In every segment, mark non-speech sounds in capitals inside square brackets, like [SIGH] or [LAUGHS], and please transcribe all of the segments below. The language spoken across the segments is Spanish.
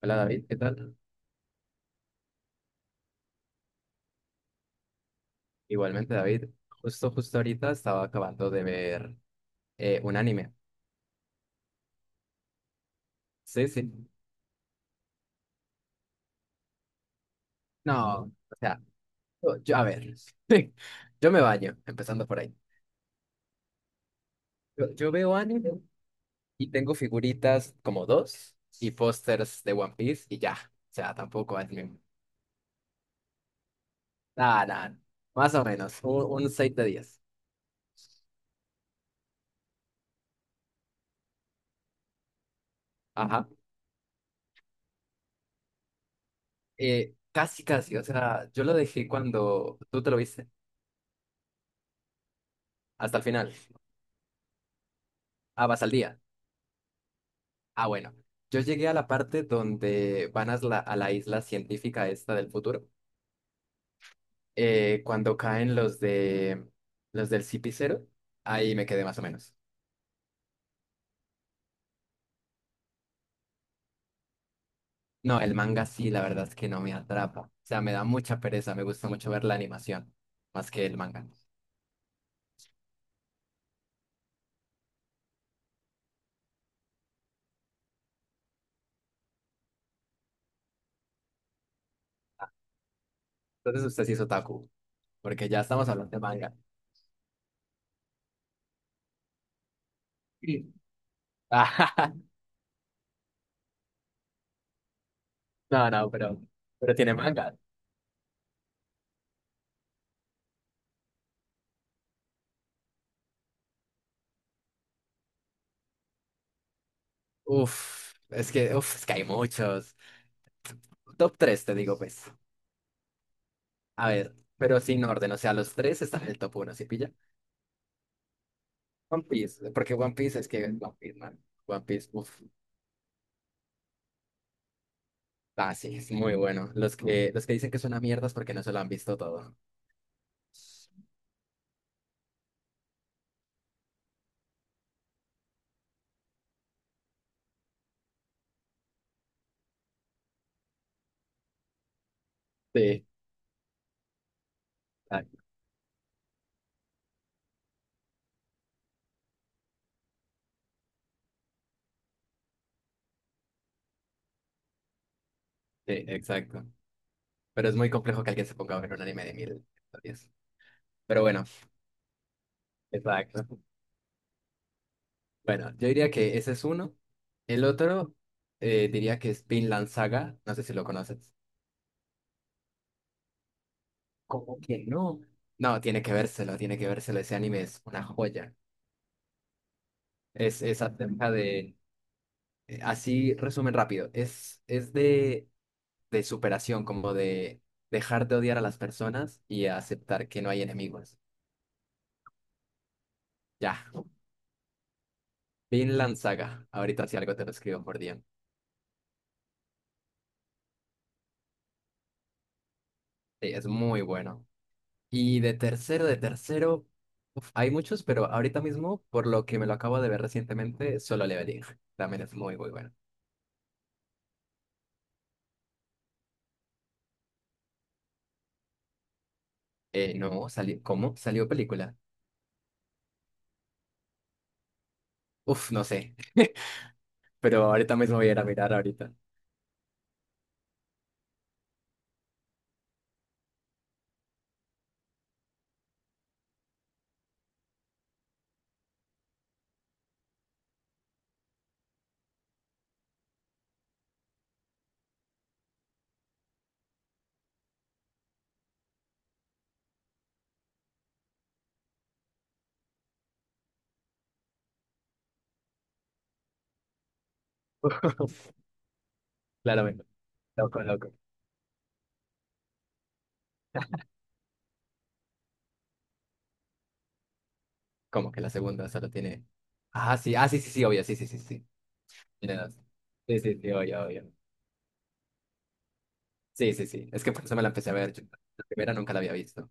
Hola David, ¿qué tal? Igualmente David, justo ahorita estaba acabando de ver un anime. Sí, sí. No, o sea, a ver, [LAUGHS] yo me baño, empezando por ahí. Yo veo anime y tengo figuritas como dos y pósters de One Piece y ya. O sea, tampoco anime. Nada, nada, más o menos, un 6 de 10. Ajá. Casi, casi, o sea, yo lo dejé cuando tú te lo viste, hasta el final. Ah, vas al día. Ah, bueno, yo llegué a la parte donde van a la isla científica esta del futuro. Cuando caen los del Cipicero, ahí me quedé más o menos. No, el manga sí, la verdad es que no me atrapa. O sea, me da mucha pereza, me gusta mucho ver la animación, más que el manga. Entonces usted sí es otaku, porque ya estamos hablando de manga. Sí. [LAUGHS] No, no, pero tiene manga. Uf, es que hay muchos. Top 3 te digo, pues. A ver, pero sin orden, o sea, los tres están en el top uno, ¿sí pilla? One Piece, porque One Piece es que One Piece, man. One Piece, uff. Ah, sí, es muy bueno. Los que dicen que es una mierda es porque no se lo han visto todo. Sí, ah, sí, exacto. Pero es muy complejo que alguien se ponga a ver un anime de mil historias. Pero bueno, exacto. Bueno, yo diría que ese es uno. El otro diría que es Vinland Saga. No sé si lo conoces. ¿Cómo que no? No, tiene que vérselo. Ese anime es una joya. Es acerca de, así resumen rápido, es de superación, como de dejar de odiar a las personas y aceptar que no hay enemigos. Ya, Vinland Saga, ahorita si algo te lo escribo por DM. Sí, es muy bueno. Y de tercero, uf, hay muchos, pero ahorita mismo, por lo que me lo acabo de ver recientemente, Solo Leveling, también es muy bueno. No, salió, ¿cómo? ¿Salió película? Uf, no sé, [LAUGHS] pero ahorita mismo voy a ir a mirar ahorita. [LAUGHS] Claro, loco, loco. Como que la segunda solo tiene. Ah, sí, ah, sí, sí, sí, obvio, sí, sí, sí, sí. Tiene dos. Sí, sí, sí, obvio, obvio. Sí, sí, sí. Es que por eso me la empecé a ver. Yo la primera nunca la había visto.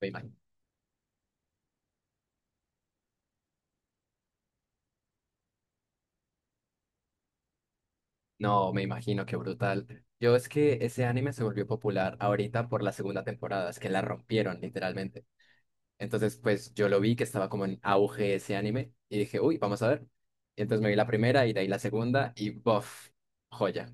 Me imagino. No, me imagino, qué brutal. Yo es que ese anime se volvió popular ahorita por la segunda temporada, es que la rompieron, literalmente. Entonces, pues yo lo vi que estaba como en auge ese anime y dije, uy, vamos a ver. Y entonces me vi la primera y de ahí la segunda y bof, joya.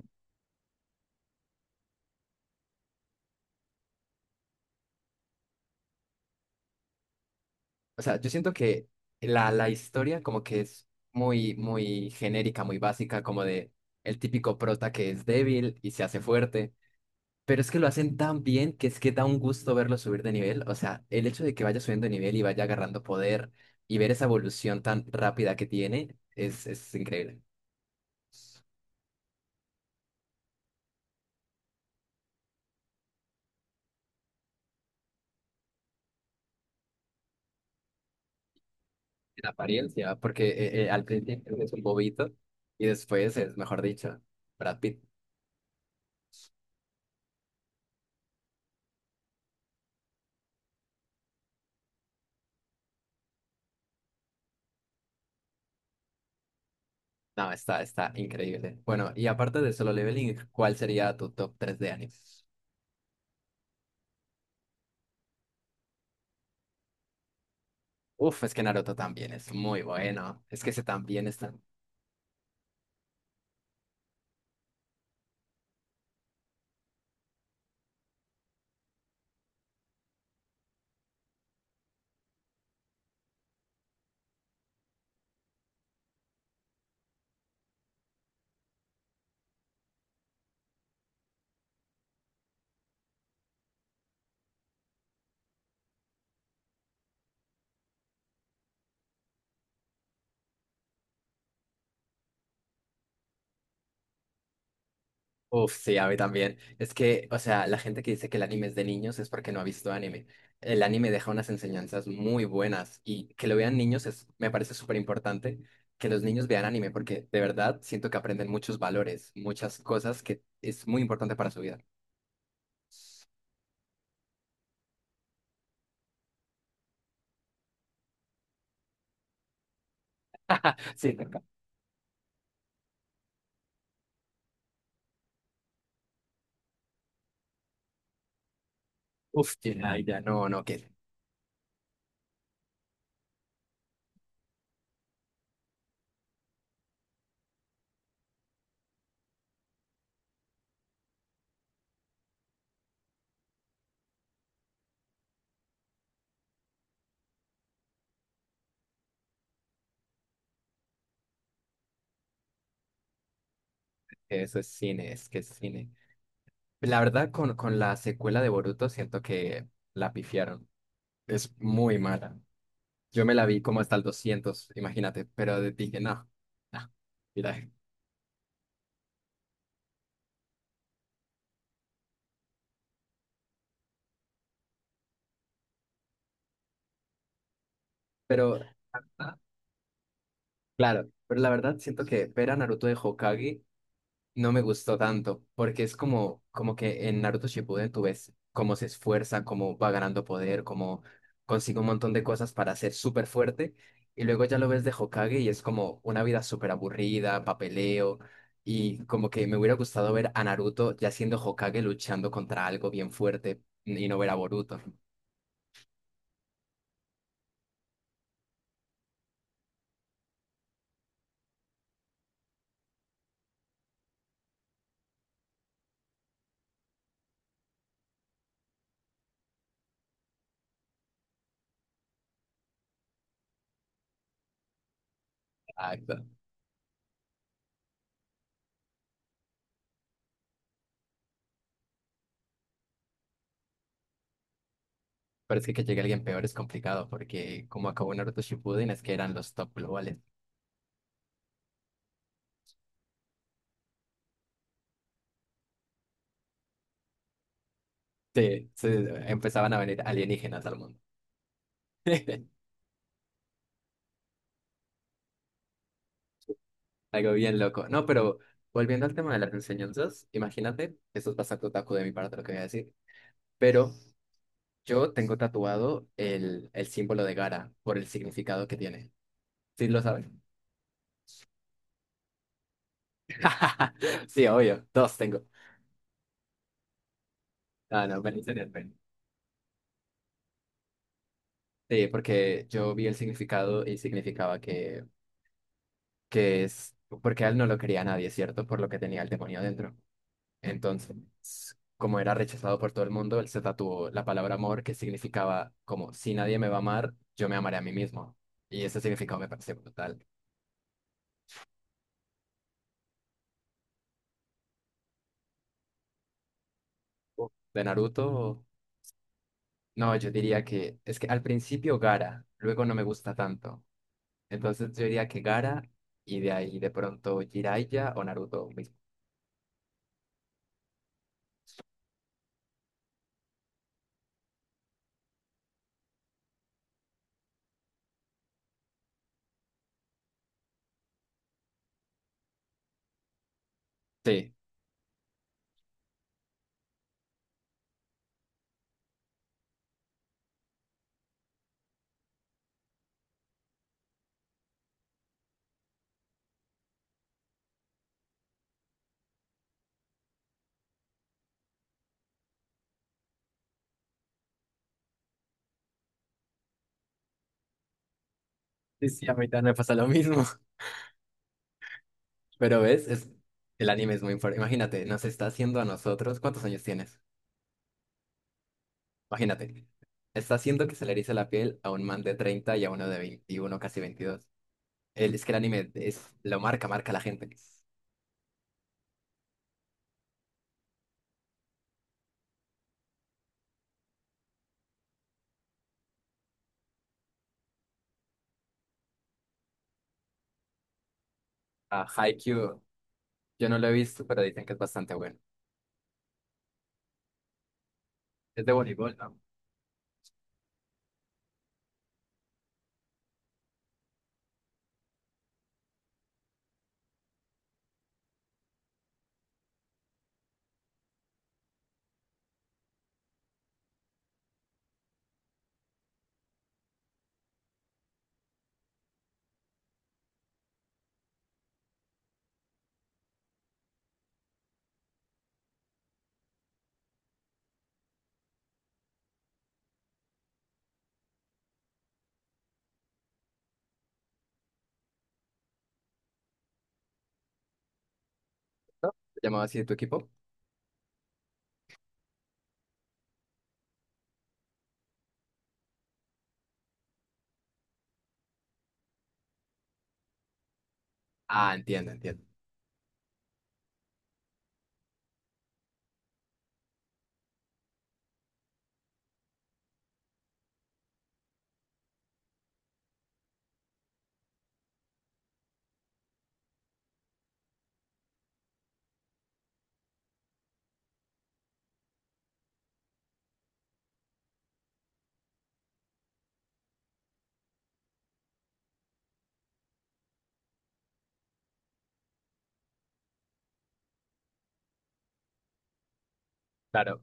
O sea, yo siento que la historia como que es muy genérica, muy básica, como de el típico prota que es débil y se hace fuerte. Pero es que lo hacen tan bien que es que da un gusto verlo subir de nivel. O sea, el hecho de que vaya subiendo de nivel y vaya agarrando poder y ver esa evolución tan rápida que tiene es increíble. En apariencia, porque al principio es un bobito y después es, mejor dicho, Brad Pitt. No, está increíble. Bueno, y aparte de Solo Leveling, ¿cuál sería tu top 3 de animes? Uf, es que Naruto también es muy bueno. Es que ese también está. Uf, sí, a mí también. Es que, o sea, la gente que dice que el anime es de niños es porque no ha visto anime. El anime deja unas enseñanzas muy buenas y que lo vean niños es, me parece súper importante que los niños vean anime porque de verdad siento que aprenden muchos valores, muchas cosas que es muy importante para su vida. [LAUGHS] Sí, uf, ya, ya, no, no, que eso es cine, es que es cine. La verdad, con la secuela de Boruto siento que la pifiaron. Es muy mala. Yo me la vi como hasta el 200 imagínate, pero dije, no, no, mira. Pero, ah, claro, pero la verdad siento que ver a Naruto de Hokage no me gustó tanto, porque es como, como que en Naruto Shippuden tú ves cómo se esfuerza, cómo va ganando poder, cómo consigue un montón de cosas para ser súper fuerte, y luego ya lo ves de Hokage y es como una vida súper aburrida, papeleo, y como que me hubiera gustado ver a Naruto ya siendo Hokage luchando contra algo bien fuerte y no ver a Boruto. Exacto. Pero es que llegue alguien peor es complicado, porque como acabó Naruto Shippuden es que eran los top globales. Sí, sí, sí, sí, empezaban a venir alienígenas al mundo. [LAUGHS] Algo bien loco. No, pero volviendo al tema de las enseñanzas, imagínate, esto es bastante otaku de mi parte lo que voy a decir, pero yo tengo tatuado el símbolo de Gara por el significado que tiene. ¿Sí lo saben? [LAUGHS] Sí, obvio, dos tengo. Ah, no, pero en serio, pero- Sí, porque yo vi el significado y significaba que es, porque a él no lo quería nadie, ¿cierto? Por lo que tenía el demonio adentro. Entonces, como era rechazado por todo el mundo, él se tatuó la palabra amor, que significaba como, si nadie me va a amar, yo me amaré a mí mismo. Y ese significado me pareció brutal. De Naruto, no, yo diría que es que al principio Gara, luego no me gusta tanto. Entonces yo diría que Gara y de ahí de pronto Jiraiya o Naruto mismo. Sí, sí, sí, a mí también me pasa lo mismo. [LAUGHS] Pero ves, es, el anime es muy importante. Imagínate, nos está haciendo a nosotros. ¿Cuántos años tienes? Imagínate, está haciendo que se le erice la piel a un man de 30 y a uno de 21, casi veintidós. El, es que el anime es, lo marca, marca a la gente. A Haikyuu, yo no lo he visto, pero dicen que es bastante bueno. Es de voleibol, ¿no? ¿No? ¿Se llamaba así tu equipo? Ah, entiendo, entiendo. Claro.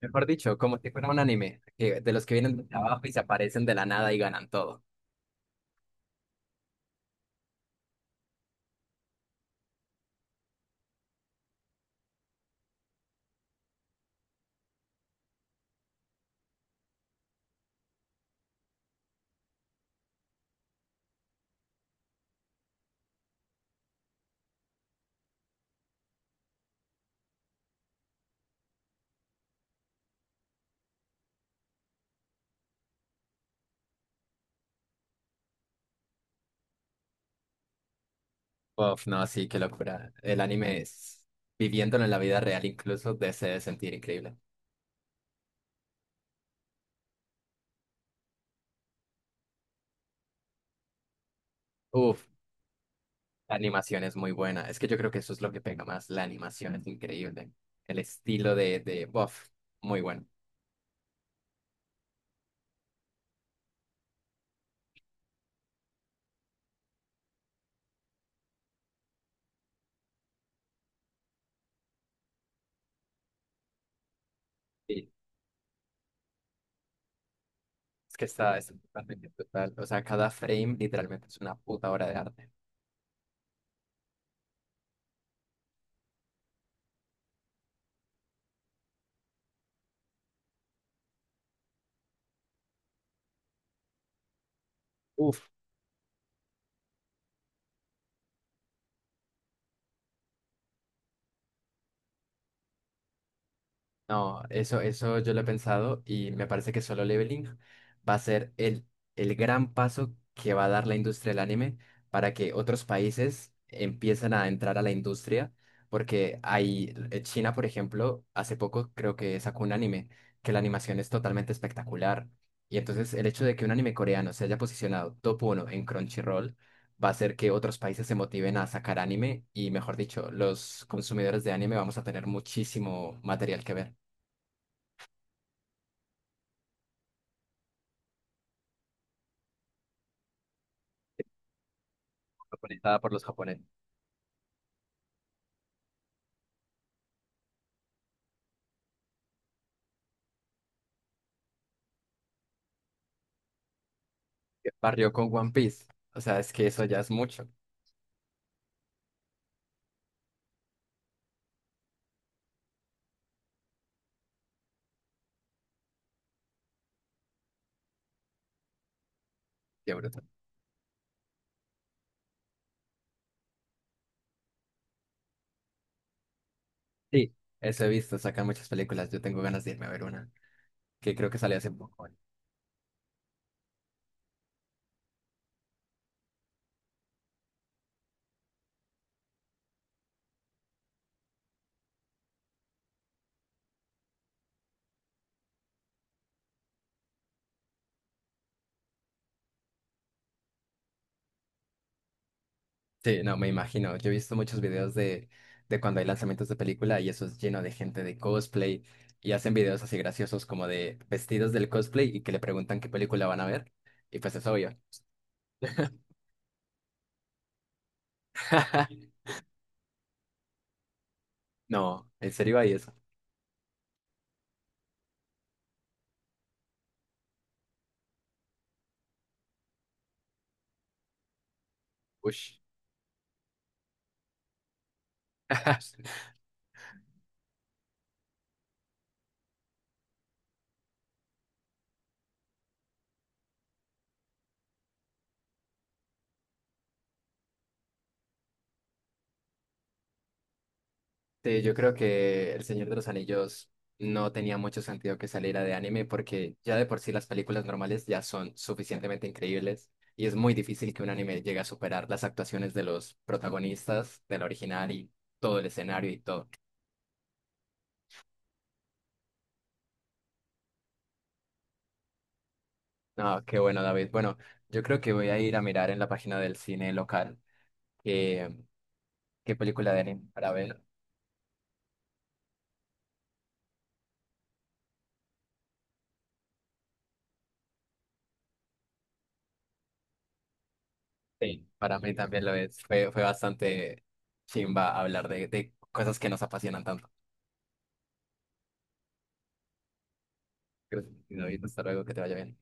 Mejor dicho, como si fuera un anime, de los que vienen de abajo y se aparecen de la nada y ganan todo. Uf, no, sí, qué locura. El anime es, viviéndolo en la vida real incluso, de se debe sentir increíble. Uf, la animación es muy buena. Es que yo creo que eso es lo que pega más. La animación es increíble. El estilo de buff, muy bueno. Sí, es que está, es totalmente brutal. O sea, cada frame literalmente es una puta obra de arte. Uf, no, eso yo lo he pensado y me parece que solo leveling va a ser el gran paso que va a dar la industria del anime para que otros países empiecen a entrar a la industria, porque hay, China, por ejemplo, hace poco creo que sacó un anime que la animación es totalmente espectacular. Y entonces el hecho de que un anime coreano se haya posicionado top uno en Crunchyroll va a hacer que otros países se motiven a sacar anime y, mejor dicho, los consumidores de anime vamos a tener muchísimo material que ver. Japonizada por los japoneses, que barrió con One Piece. O sea, es que eso ya es mucho. Qué bruto. Sí, eso he visto, sacan muchas películas. Yo tengo ganas de irme a ver una, que creo que salió hace poco. Sí, no, me imagino. Yo he visto muchos videos de cuando hay lanzamientos de película y eso es lleno de gente de cosplay y hacen videos así graciosos como de vestidos del cosplay y que le preguntan qué película van a ver. Y pues es obvio. [LAUGHS] No, ¿en serio hay eso? Ush. [LAUGHS] Sí, yo creo que El Señor de los Anillos no tenía mucho sentido que saliera de anime porque ya de por sí las películas normales ya son suficientemente increíbles y es muy difícil que un anime llegue a superar las actuaciones de los protagonistas del original y todo el escenario y todo. No, qué bueno, David. Bueno, yo creo que voy a ir a mirar en la página del cine local qué, qué película de anime para ver. Sí, para mí también lo es. Fue, fue bastante chimba hablar de cosas que nos apasionan tanto. Gracias, David. Hasta luego, que te vaya bien.